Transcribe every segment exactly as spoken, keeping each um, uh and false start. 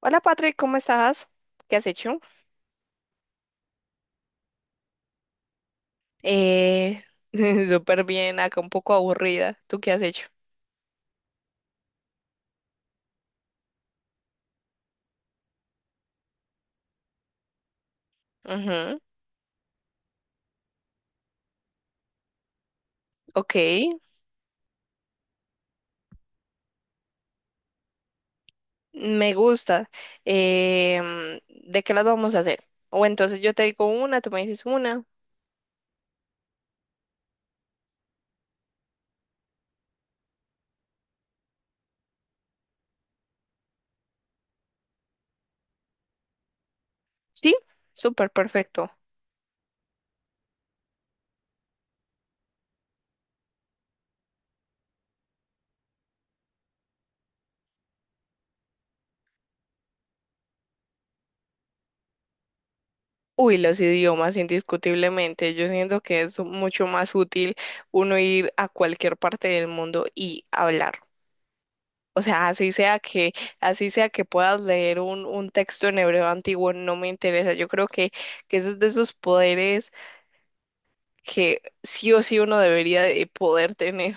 Hola Patrick, ¿cómo estás? ¿Qué has hecho? Eh, súper bien, acá un poco aburrida. ¿Tú qué has hecho? Ujú, ok, me gusta. Em, ¿de qué las vamos a hacer? O entonces yo te digo una, tú me dices una. Sí, súper perfecto. Uy, los idiomas, indiscutiblemente. Yo siento que es mucho más útil uno ir a cualquier parte del mundo y hablar. O sea, así sea que, así sea que puedas leer un, un texto en hebreo antiguo, no me interesa. Yo creo que, que ese es de esos poderes que sí o sí uno debería de poder tener.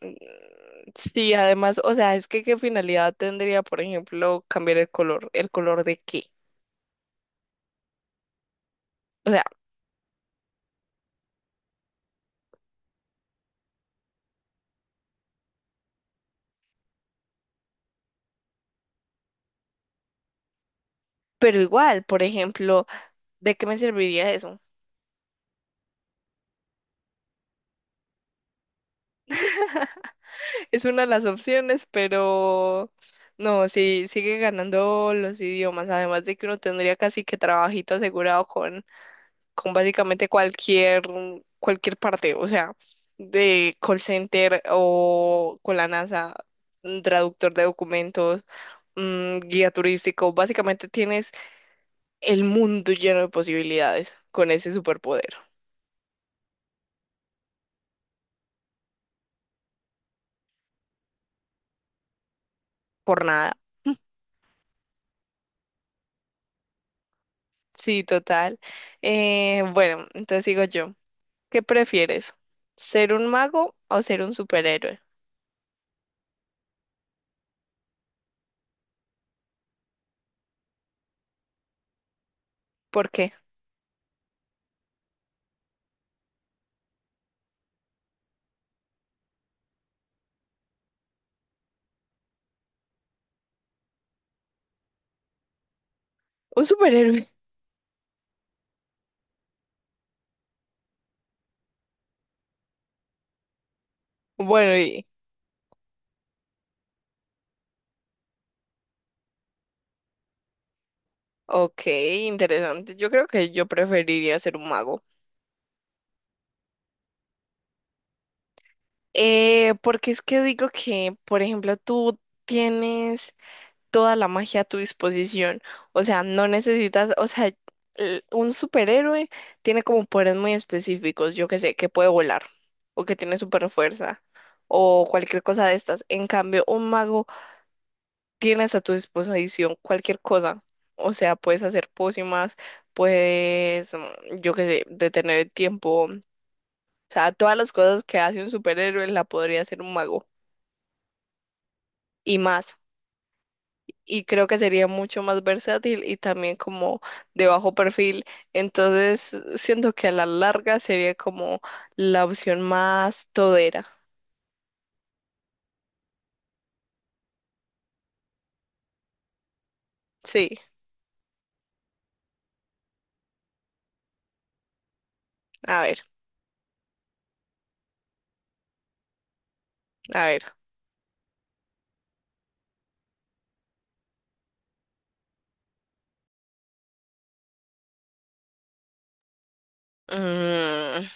Mm, sí, además, o sea, es que qué finalidad tendría, por ejemplo, cambiar el color, el color de qué. O sea, pero igual, por ejemplo, ¿de qué me serviría eso? Es una de las opciones, pero no, sí, sigue ganando los idiomas, además de que uno tendría casi que trabajito asegurado con con básicamente cualquier, cualquier parte, o sea, de call center o con la NASA, un traductor de documentos, mm, guía turístico, básicamente tienes el mundo lleno de posibilidades con ese superpoder, por nada. Sí, total. Eh, bueno, entonces digo yo, ¿qué prefieres? ¿Ser un mago o ser un superhéroe? ¿Por qué? Un superhéroe. Bueno, y, ok, interesante. Yo creo que yo preferiría ser un mago. Eh, porque es que digo que, por ejemplo, tú tienes toda la magia a tu disposición. O sea, no necesitas, o sea, l- un superhéroe tiene como poderes muy específicos, yo que sé, que puede volar, o que tiene super fuerza, o cualquier cosa de estas. En cambio, un mago tienes a tu disposición cualquier cosa. O sea, puedes hacer pócimas, puedes, mm, yo que sé, detener el tiempo. O sea, todas las cosas que hace un superhéroe la podría hacer un mago. Y más. Y creo que sería mucho más versátil y también como de bajo perfil. Entonces, siento que a la larga sería como la opción más todera. Sí, a ver, a ver. Mm,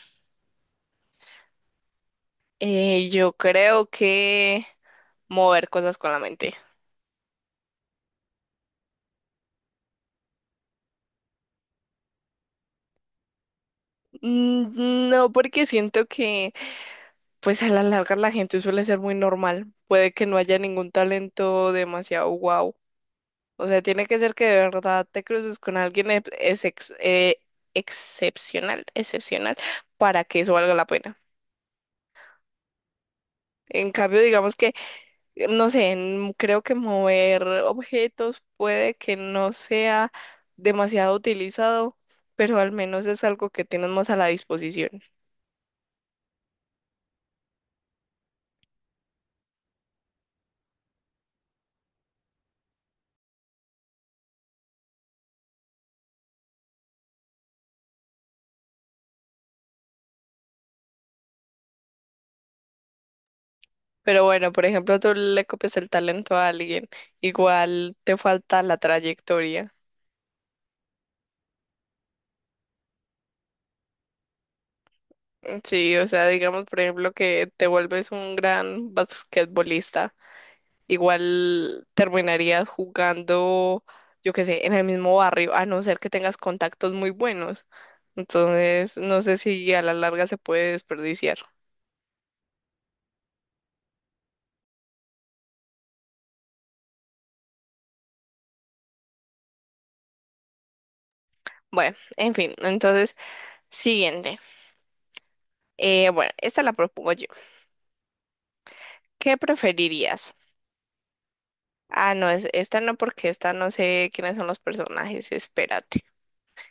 eh, yo creo que mover cosas con la mente. Mm, no, porque siento que pues a la larga la gente suele ser muy normal. Puede que no haya ningún talento demasiado guau. O sea, tiene que ser que de verdad te cruces con alguien ex- es ex- eh, excepcional, excepcional, para que eso valga la pena. En cambio, digamos que, no sé, en- creo que mover objetos puede que no sea demasiado utilizado, pero al menos es algo que tienes más a la disposición. Pero bueno, por ejemplo, tú le copias el talento a alguien, igual te falta la trayectoria. Sí, o sea, digamos, por ejemplo, que te vuelves un gran basquetbolista, igual terminarías jugando, yo qué sé, en el mismo barrio, a no ser que tengas contactos muy buenos. Entonces, no sé si a la larga se puede desperdiciar. Bueno, en fin, entonces, siguiente. Eh, bueno, esta la propongo yo. ¿Qué preferirías? Ah, no, es- esta no, porque esta no sé quiénes son los personajes. Espérate,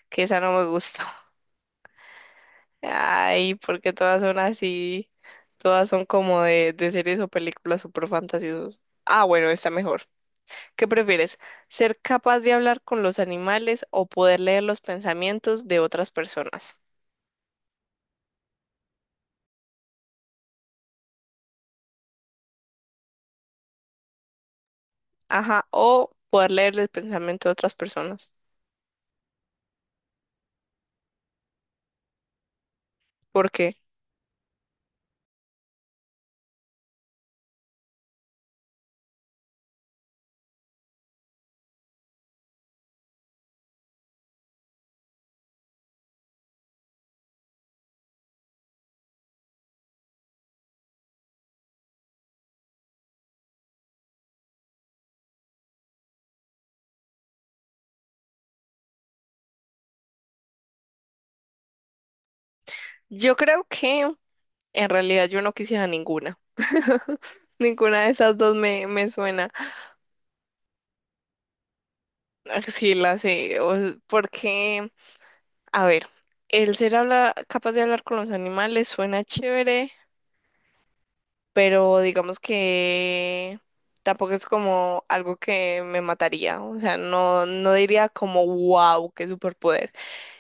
que esa no me gustó. Ay, porque todas son así. Todas son como de, de, series o películas súper fantasiosas. Ah, bueno, está mejor. ¿Qué prefieres? ¿Ser capaz de hablar con los animales o poder leer los pensamientos de otras personas? Ajá, o poder leer el pensamiento de otras personas. ¿Por qué? Yo creo que en realidad yo no quisiera ninguna. Ninguna de esas dos me, me suena. Sí, la sé, o porque, a ver, el ser habla, capaz de hablar con los animales suena chévere, pero digamos que tampoco es como algo que me mataría, o sea, no, no diría como, wow, qué superpoder.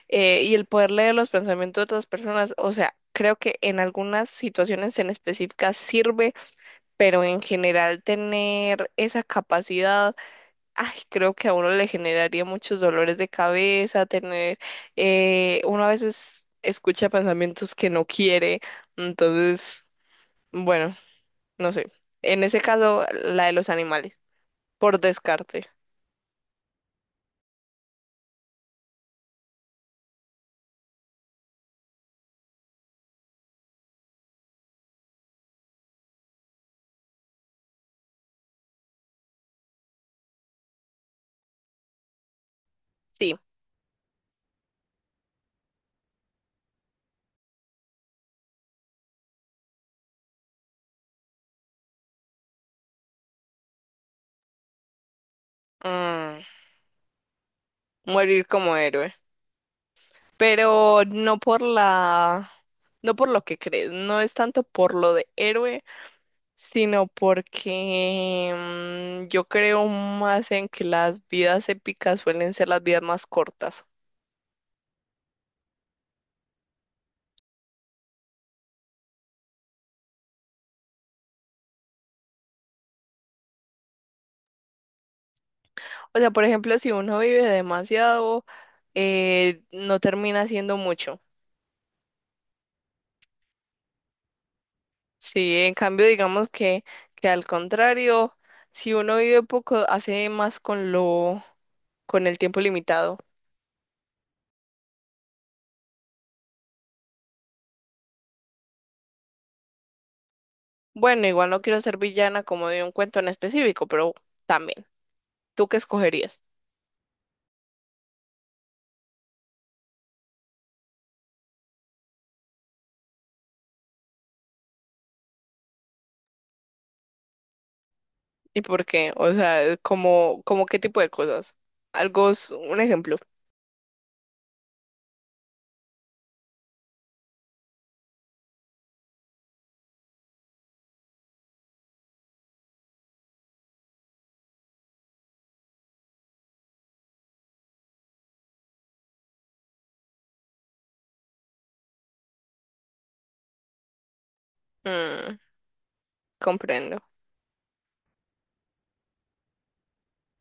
Eh, y el poder leer los pensamientos de otras personas, o sea, creo que en algunas situaciones en específicas sirve, pero en general tener esa capacidad. Ay, creo que a uno le generaría muchos dolores de cabeza, tener, eh, uno a veces escucha pensamientos que no quiere, entonces, bueno, no sé. En ese caso, la de los animales, por descarte, sí, mm, morir como héroe, pero no por la, no por lo que crees, no es tanto por lo de héroe, sino porque mm, yo creo más en que las vidas épicas suelen ser las vidas más cortas. O sea, por ejemplo, si uno vive demasiado, eh, no termina haciendo mucho. Sí, en cambio, digamos que, que al contrario, si uno vive poco, hace más con lo, con el tiempo limitado. Bueno, igual no quiero ser villana como de un cuento en específico, pero también, ¿tú qué escogerías? ¿Y por qué? O sea, como, como qué tipo de cosas. Algo, s- un ejemplo. Mm, comprendo.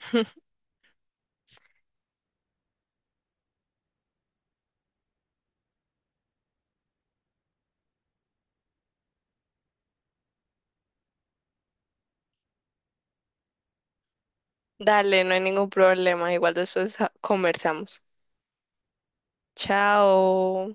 Dale, no hay ningún problema, igual después ah, conversamos. Chao.